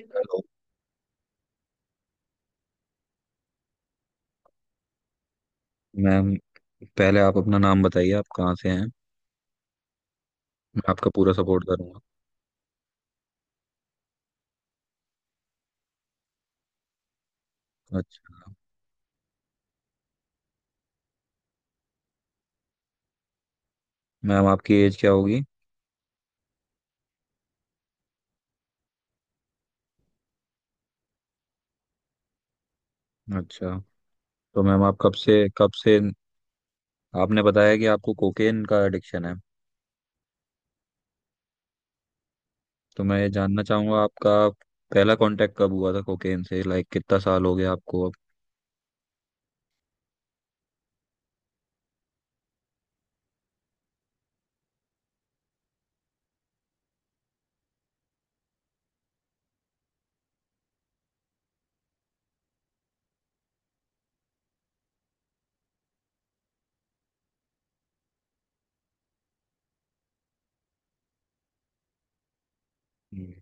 Hello ma'am. पहले आप अपना नाम बताइए, आप कहाँ से हैं? मैं आपका पूरा सपोर्ट करूंगा। अच्छा। मैम, आपकी एज क्या होगी? अच्छा। तो मैम, आप कब से आपने बताया कि आपको कोकेन का एडिक्शन है? तो मैं ये जानना चाहूंगा, आपका पहला कांटेक्ट कब हुआ था कोकेन से? लाइक कितना साल हो गया आपको अब? हम्म।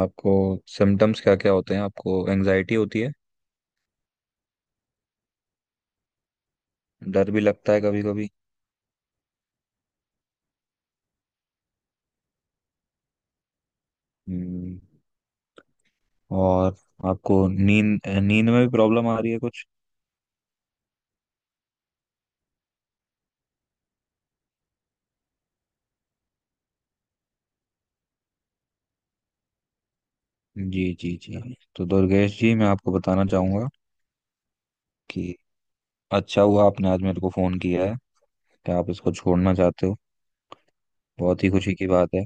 आपको सिम्टम्स क्या क्या होते हैं? आपको एंजाइटी होती है? डर भी लगता है, कभी कभी? हम्म, और आपको नींद नींद में भी प्रॉब्लम आ रही है कुछ? जी जी जी। तो दुर्गेश जी, मैं आपको बताना चाहूंगा कि अच्छा हुआ आपने आज मेरे को फोन किया है, कि आप इसको छोड़ना चाहते हो। बहुत ही खुशी की बात है।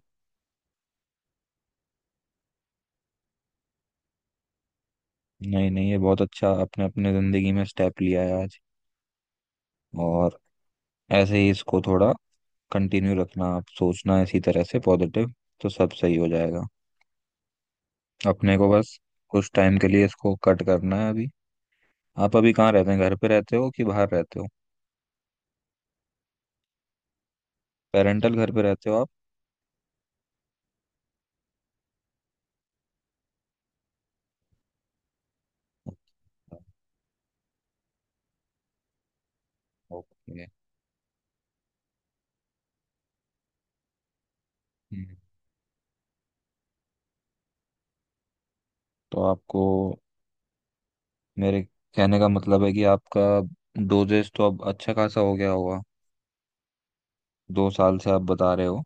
नहीं नहीं, ये बहुत अच्छा आपने अपने जिंदगी में स्टेप लिया है आज। और ऐसे ही इसको थोड़ा कंटिन्यू रखना, आप सोचना इसी तरह से पॉजिटिव, तो सब सही हो जाएगा। अपने को बस कुछ टाइम के लिए इसको कट करना है अभी। आप अभी कहाँ रहते हैं, घर पे रहते हो कि बाहर रहते हो? पेरेंटल घर पे रहते हो आप? ओके। हम्म, तो आपको, मेरे कहने का मतलब है कि आपका डोजेस तो अब अच्छा खासा हो गया होगा। 2 साल से आप बता रहे हो।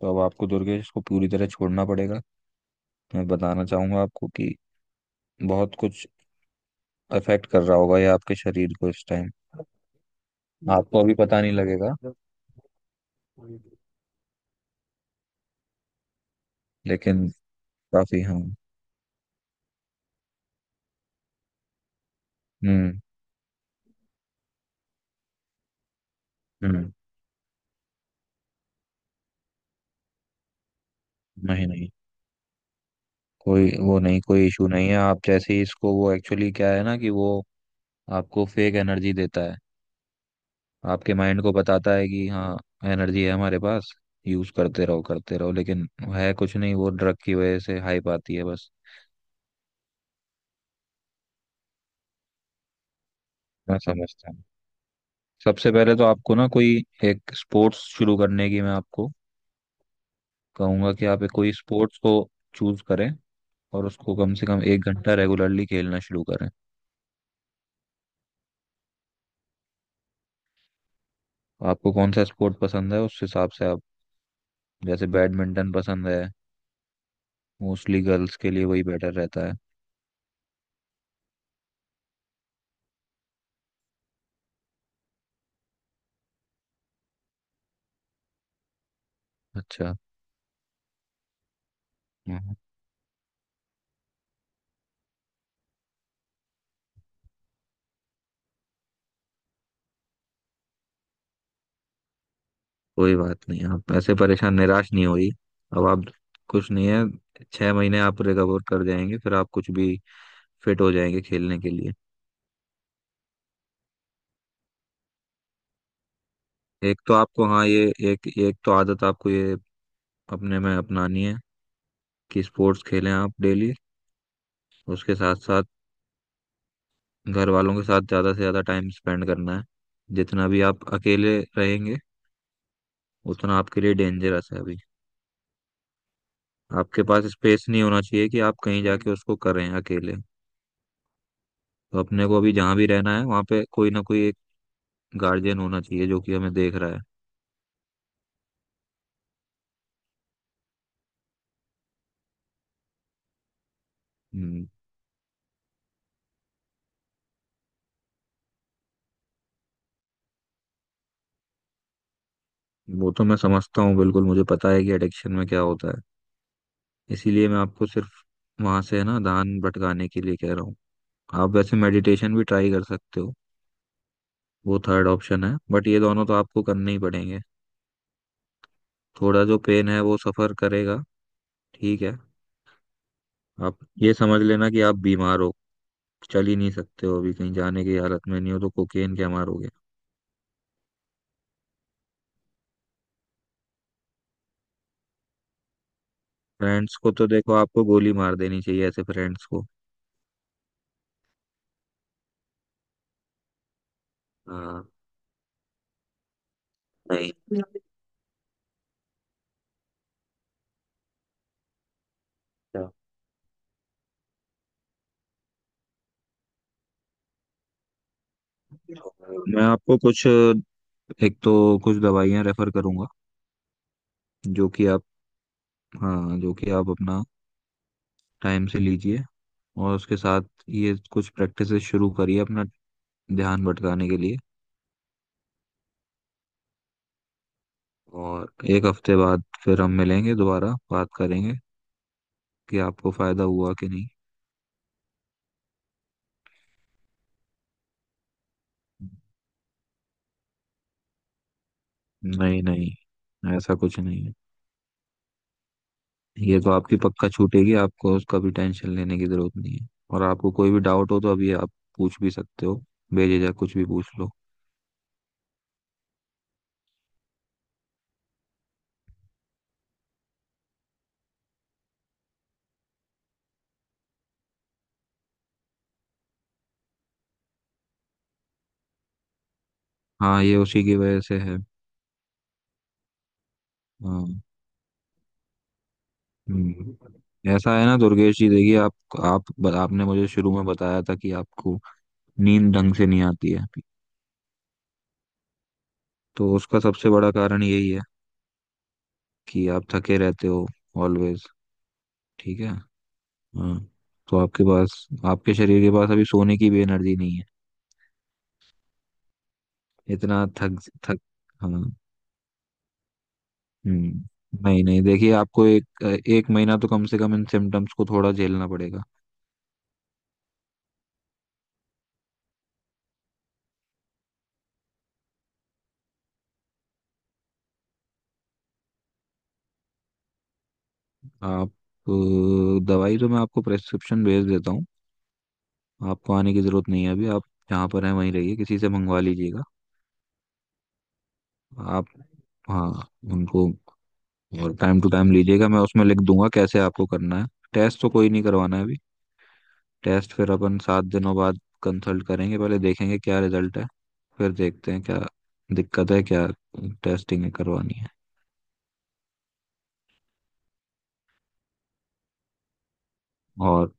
तो अब आपको, दुर्गेश, को पूरी तरह छोड़ना पड़ेगा। मैं बताना चाहूंगा आपको कि बहुत कुछ अफेक्ट कर रहा होगा ये आपके शरीर को इस टाइम। आपको अभी पता नहीं लगेगा लेकिन काफी। हाँ। हम्म, हम्म। नहीं नहीं, कोई वो नहीं, कोई इशू नहीं है। आप जैसे ही इसको, वो एक्चुअली क्या है ना, कि वो आपको फेक एनर्जी देता है। आपके माइंड को बताता है कि हाँ, एनर्जी है हमारे पास, यूज करते रहो करते रहो, लेकिन है कुछ नहीं, वो ड्रग की वजह से हाइप आती है बस। मैं समझता हूँ। सबसे पहले तो आपको ना, कोई एक स्पोर्ट्स शुरू करने की मैं आपको कहूंगा कि आप एक कोई स्पोर्ट्स को चूज करें। और उसको कम से कम 1 घंटा रेगुलरली खेलना शुरू करें। आपको कौन सा स्पोर्ट पसंद है, उस हिसाब से आप, जैसे बैडमिंटन पसंद है, मोस्टली गर्ल्स के लिए वही बेटर रहता है। अच्छा। कोई बात नहीं, आप ऐसे परेशान निराश नहीं होइए। अब आप, कुछ नहीं है, 6 महीने आप रिकवर कर जाएंगे, फिर आप कुछ भी फिट हो जाएंगे खेलने के लिए। एक तो आपको, हाँ, ये एक, एक तो आदत आपको ये अपने में अपनानी है, कि स्पोर्ट्स खेलें आप डेली। उसके साथ साथ घर वालों के साथ ज़्यादा से ज़्यादा टाइम स्पेंड करना है। जितना भी आप अकेले रहेंगे, उतना आपके लिए डेंजरस है अभी। आपके पास स्पेस नहीं होना चाहिए कि आप कहीं जाके उसको करें अकेले। तो अपने को अभी जहाँ भी रहना है, वहाँ पे कोई ना कोई गार्जियन होना चाहिए, जो कि हमें देख रहा है। हम्म, वो तो मैं समझता हूँ, बिल्कुल मुझे पता है कि एडिक्शन में क्या होता है। इसीलिए मैं आपको सिर्फ वहां से, है ना, ध्यान भटकाने के लिए कह रहा हूँ। आप वैसे मेडिटेशन भी ट्राई कर सकते हो, वो थर्ड ऑप्शन है, बट ये दोनों तो आपको करने ही पड़ेंगे। थोड़ा जो पेन है, वो सफर करेगा। ठीक है। आप ये समझ लेना कि आप बीमार हो, चल ही नहीं सकते हो अभी, कहीं जाने की हालत में नहीं हो, तो कोकेन क्या मारोगे। फ्रेंड्स को तो देखो, आपको गोली मार देनी चाहिए ऐसे फ्रेंड्स को। हाँ। नहीं, मैं आपको कुछ, एक तो कुछ दवाइयाँ रेफर करूंगा जो कि आप, हाँ, जो कि आप अपना टाइम से लीजिए। और उसके साथ ये कुछ प्रैक्टिसेस शुरू करिए, अपना ध्यान भटकाने के लिए। और 1 हफ्ते बाद फिर हम मिलेंगे, दोबारा बात करेंगे कि आपको फायदा हुआ कि नहीं। नहीं नहीं, ऐसा कुछ नहीं है। ये तो आपकी पक्का छूटेगी, आपको उसका भी टेंशन लेने की जरूरत नहीं है, और आपको कोई भी डाउट हो तो अभी आप पूछ भी सकते हो, बेझिझक कुछ भी पूछ लो। हाँ, ये उसी की वजह से है। हाँ। हम्म। ऐसा है ना, दुर्गेश जी, देखिए आप आपने मुझे शुरू में बताया था कि आपको नींद ढंग से नहीं आती है। तो उसका सबसे बड़ा कारण यही है कि आप थके रहते हो ऑलवेज। ठीक है। हाँ। तो आपके पास, आपके शरीर के पास अभी सोने की भी एनर्जी नहीं है, इतना थक थक। हाँ। हम्म। नहीं नहीं, देखिए आपको एक, 1 महीना तो कम से कम इन सिम्टम्स को थोड़ा झेलना पड़ेगा। आप, अ, दवाई तो मैं आपको प्रेस्क्रिप्शन भेज देता हूँ। आपको आने की ज़रूरत नहीं है, अभी आप जहाँ पर हैं वहीं रहिए, किसी से मंगवा लीजिएगा। आप, हाँ, उनको और टाइम टू टाइम लीजिएगा, मैं उसमें लिख दूंगा कैसे आपको करना है। टेस्ट तो कोई नहीं करवाना है अभी। टेस्ट फिर अपन 7 दिनों बाद कंसल्ट करेंगे, पहले देखेंगे क्या रिजल्ट है, फिर देखते हैं क्या दिक्कत है, क्या टेस्टिंग करवानी है। और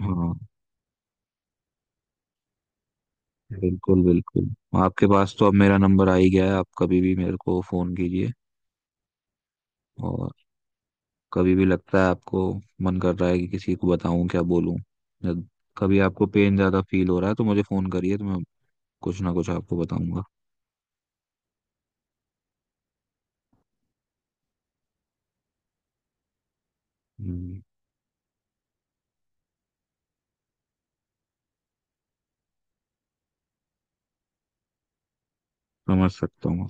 हाँ, बिल्कुल बिल्कुल। आपके पास तो अब मेरा नंबर आ ही गया है, आप कभी भी मेरे को फ़ोन कीजिए। और कभी भी लगता है आपको मन कर रहा है कि किसी को बताऊं क्या बोलूं, जब कभी आपको पेन ज्यादा फील हो रहा है तो मुझे फोन करिए, तो मैं कुछ ना कुछ आपको बताऊंगा। हम्म, समझ सकता हूँ।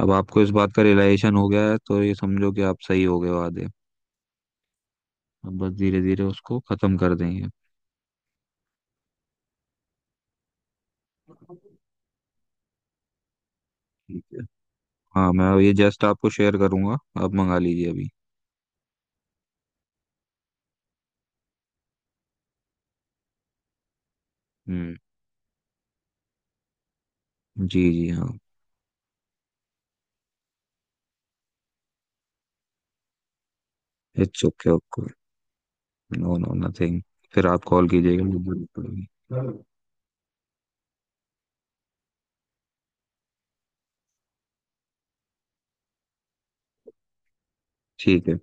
अब आपको इस बात का रियलाइजेशन हो गया है, तो ये समझो कि आप सही हो गए हो आधे। अब बस धीरे धीरे उसको खत्म कर देंगे। ठीक है। हाँ, मैं ये जस्ट आपको शेयर करूंगा, आप मंगा लीजिए अभी। हम्म। जी जी, हाँ। It's okay, okay. No no, nothing. फिर आप कॉल कीजिएगा मुझे, जरूरत पड़ेगी। ठीक है।